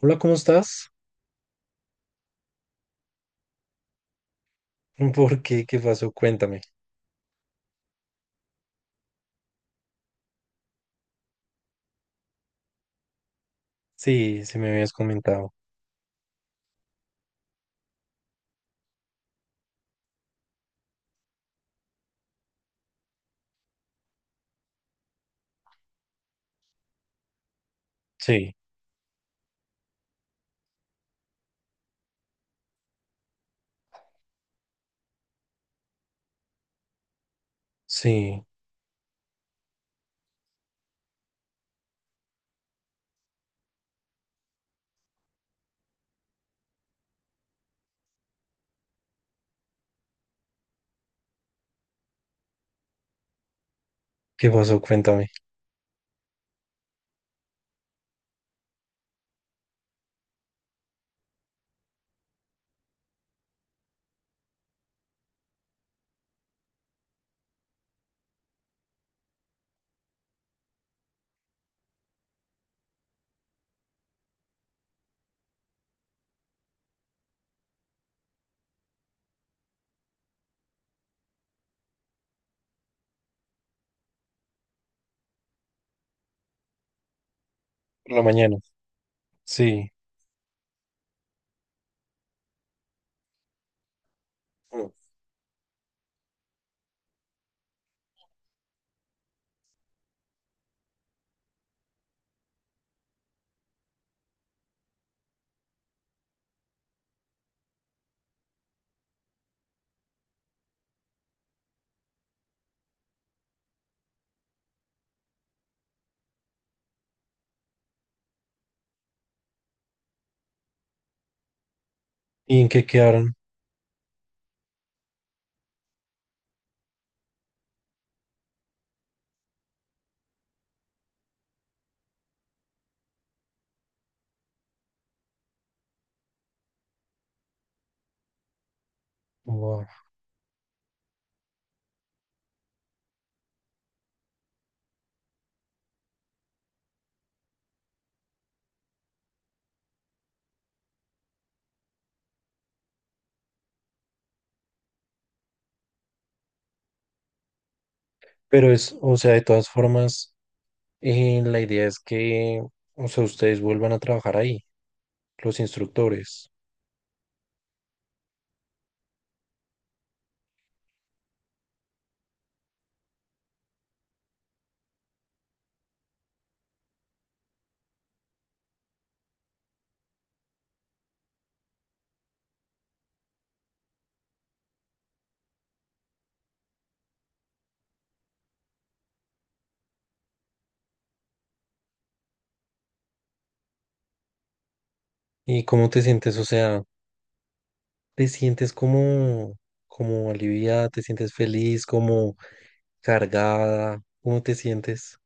Hola, ¿cómo estás? ¿Por qué? ¿Qué pasó? Cuéntame. Sí, me habías comentado. Sí, sí. ¿Qué pasó? Cuéntame. Por la mañana. Sí. Mm. ¿Y en qué quedaron? Wow. Pero es, o sea, de todas formas, la idea es que, o sea, ustedes vuelvan a trabajar ahí, los instructores. ¿Y cómo te sientes? O sea, ¿te sientes como, como aliviada? ¿Te sientes feliz? ¿Como cargada? ¿Cómo te sientes?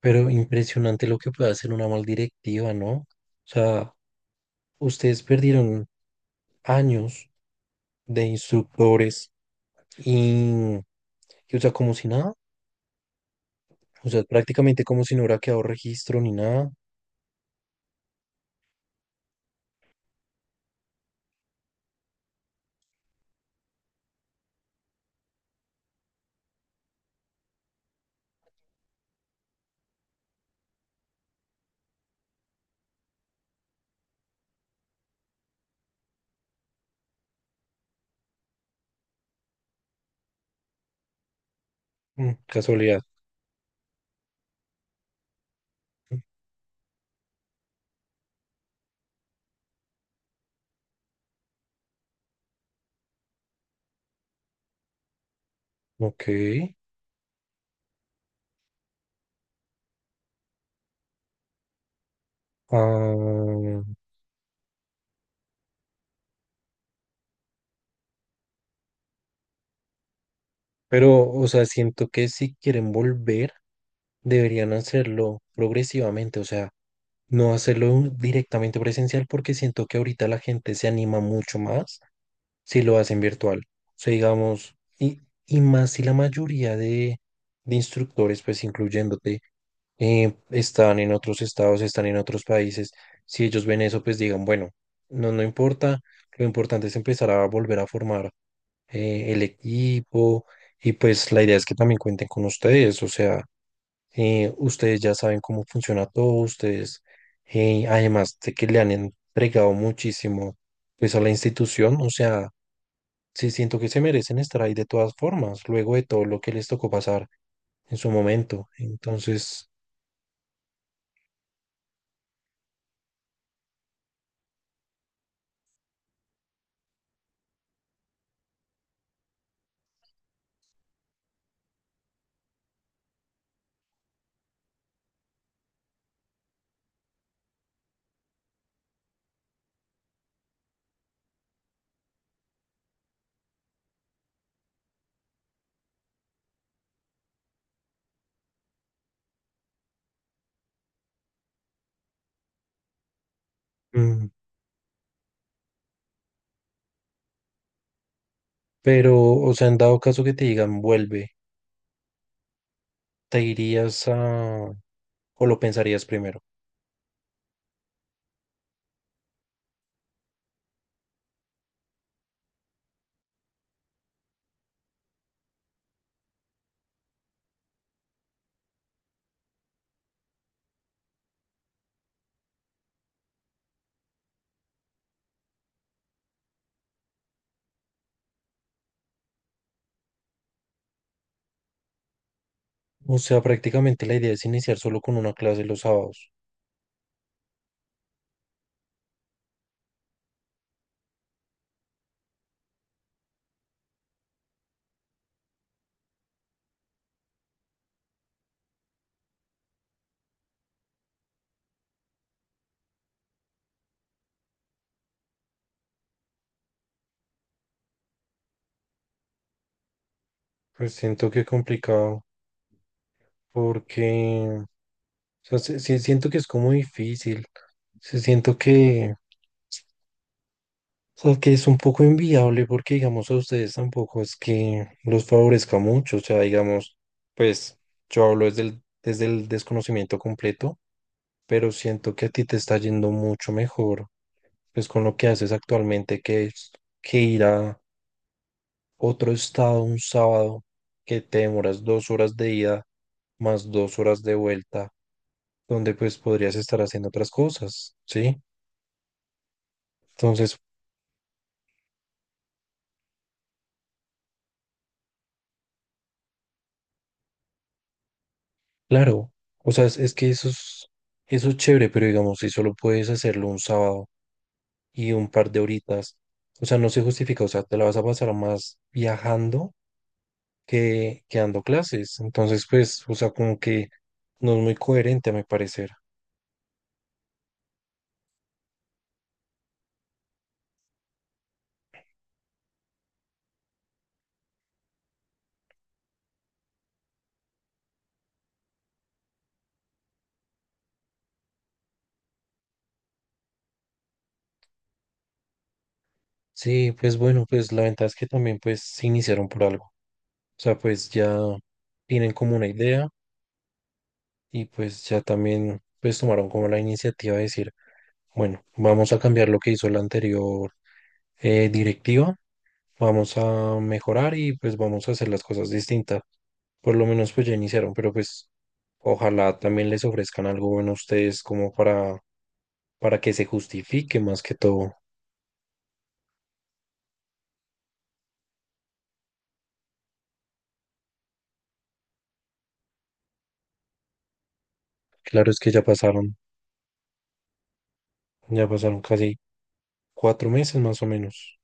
Pero impresionante lo que puede hacer una mal directiva, ¿no? O sea, ustedes perdieron años de instructores y, y, o sea, como si nada. O sea, prácticamente como si no hubiera quedado registro ni nada. Mm, casualidad. Ok. Ah, pero, o sea, siento que si quieren volver, deberían hacerlo progresivamente. O sea, no hacerlo directamente presencial porque siento que ahorita la gente se anima mucho más si lo hacen virtual. O sea, digamos, y más si la mayoría de instructores, pues incluyéndote, están en otros estados, están en otros países, si ellos ven eso, pues digan, bueno, no, no importa, lo importante es empezar a volver a formar el equipo y pues la idea es que también cuenten con ustedes, o sea, ustedes ya saben cómo funciona todo, ustedes, además de que le han entregado muchísimo pues a la institución, o sea. Sí, siento que se merecen estar ahí de todas formas, luego de todo lo que les tocó pasar en su momento. Entonces, mm, pero, o sea, en dado caso que te digan vuelve, ¿te irías a... o lo pensarías primero? O sea, prácticamente la idea es iniciar solo con una clase los sábados. Pues siento que complicado, porque, o sea, sí siento que es como difícil. Sí siento que... O sea, que es un poco inviable porque, digamos, a ustedes tampoco es que los favorezca mucho. O sea, digamos, pues yo hablo desde el desconocimiento completo, pero siento que a ti te está yendo mucho mejor, pues con lo que haces actualmente, que es que ir a otro estado un sábado, que te demoras 2 horas de ida más 2 horas de vuelta, donde pues podrías estar haciendo otras cosas, ¿sí? Entonces, claro, o sea, es que eso es chévere, pero digamos, si solo puedes hacerlo un sábado y un par de horitas, o sea, no se justifica, o sea, te la vas a pasar más viajando que dando clases. Entonces, pues, o sea, como que no es muy coherente a mi parecer. Sí, pues bueno, pues la ventaja es que también pues se iniciaron por algo. O sea, pues ya tienen como una idea, y pues ya también pues tomaron como la iniciativa de decir, bueno, vamos a cambiar lo que hizo la anterior directiva, vamos a mejorar y pues vamos a hacer las cosas distintas. Por lo menos pues ya iniciaron, pero pues ojalá también les ofrezcan algo bueno a ustedes como para que se justifique más que todo. Claro, es que ya pasaron casi 4 meses más o menos.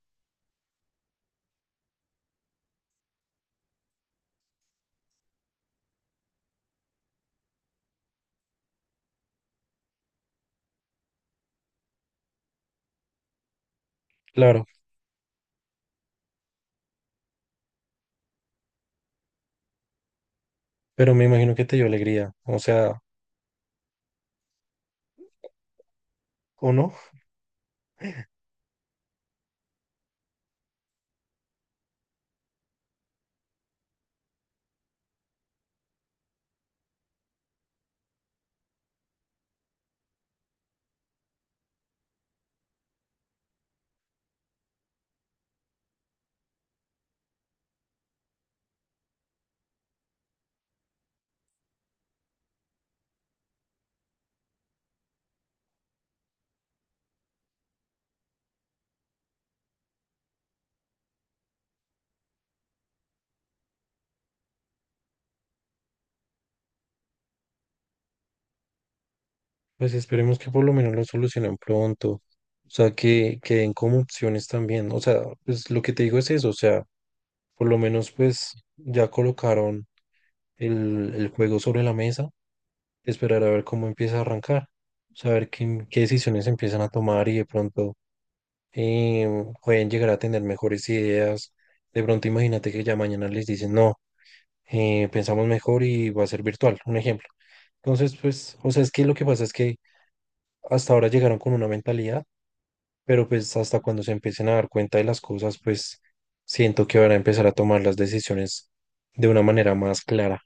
Claro, pero me imagino que te dio alegría, o sea, ¿o no? Pues esperemos que por lo menos lo solucionen pronto. O sea, que den como opciones también. O sea, pues lo que te digo es eso. O sea, por lo menos pues ya colocaron el juego sobre la mesa. Esperar a ver cómo empieza a arrancar. Saber qué, qué decisiones empiezan a tomar y de pronto eh, pueden llegar a tener mejores ideas. De pronto imagínate que ya mañana les dicen, no, pensamos mejor y va a ser virtual. Un ejemplo. Entonces, pues, o sea, es que lo que pasa es que hasta ahora llegaron con una mentalidad, pero pues hasta cuando se empiecen a dar cuenta de las cosas, pues siento que van a empezar a tomar las decisiones de una manera más clara.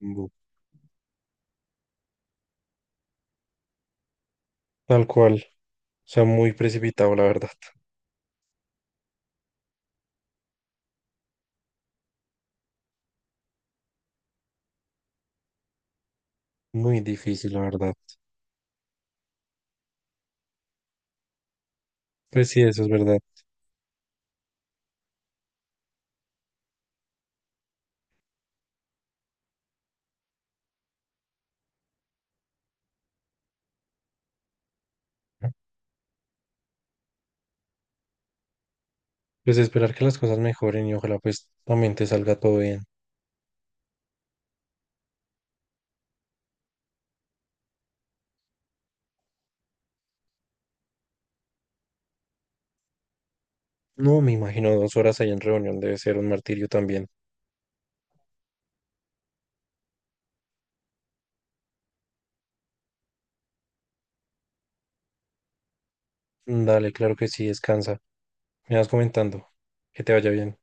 Bu- Tal cual. O sea, muy precipitado, la verdad. Muy difícil, la verdad. Pues sí, eso es verdad. ¿No? Pues esperar que las cosas mejoren y ojalá pues también te salga todo bien. No, me imagino 2 horas ahí en reunión debe ser un martirio también. Dale, claro que sí, descansa. Me vas comentando. Que te vaya bien.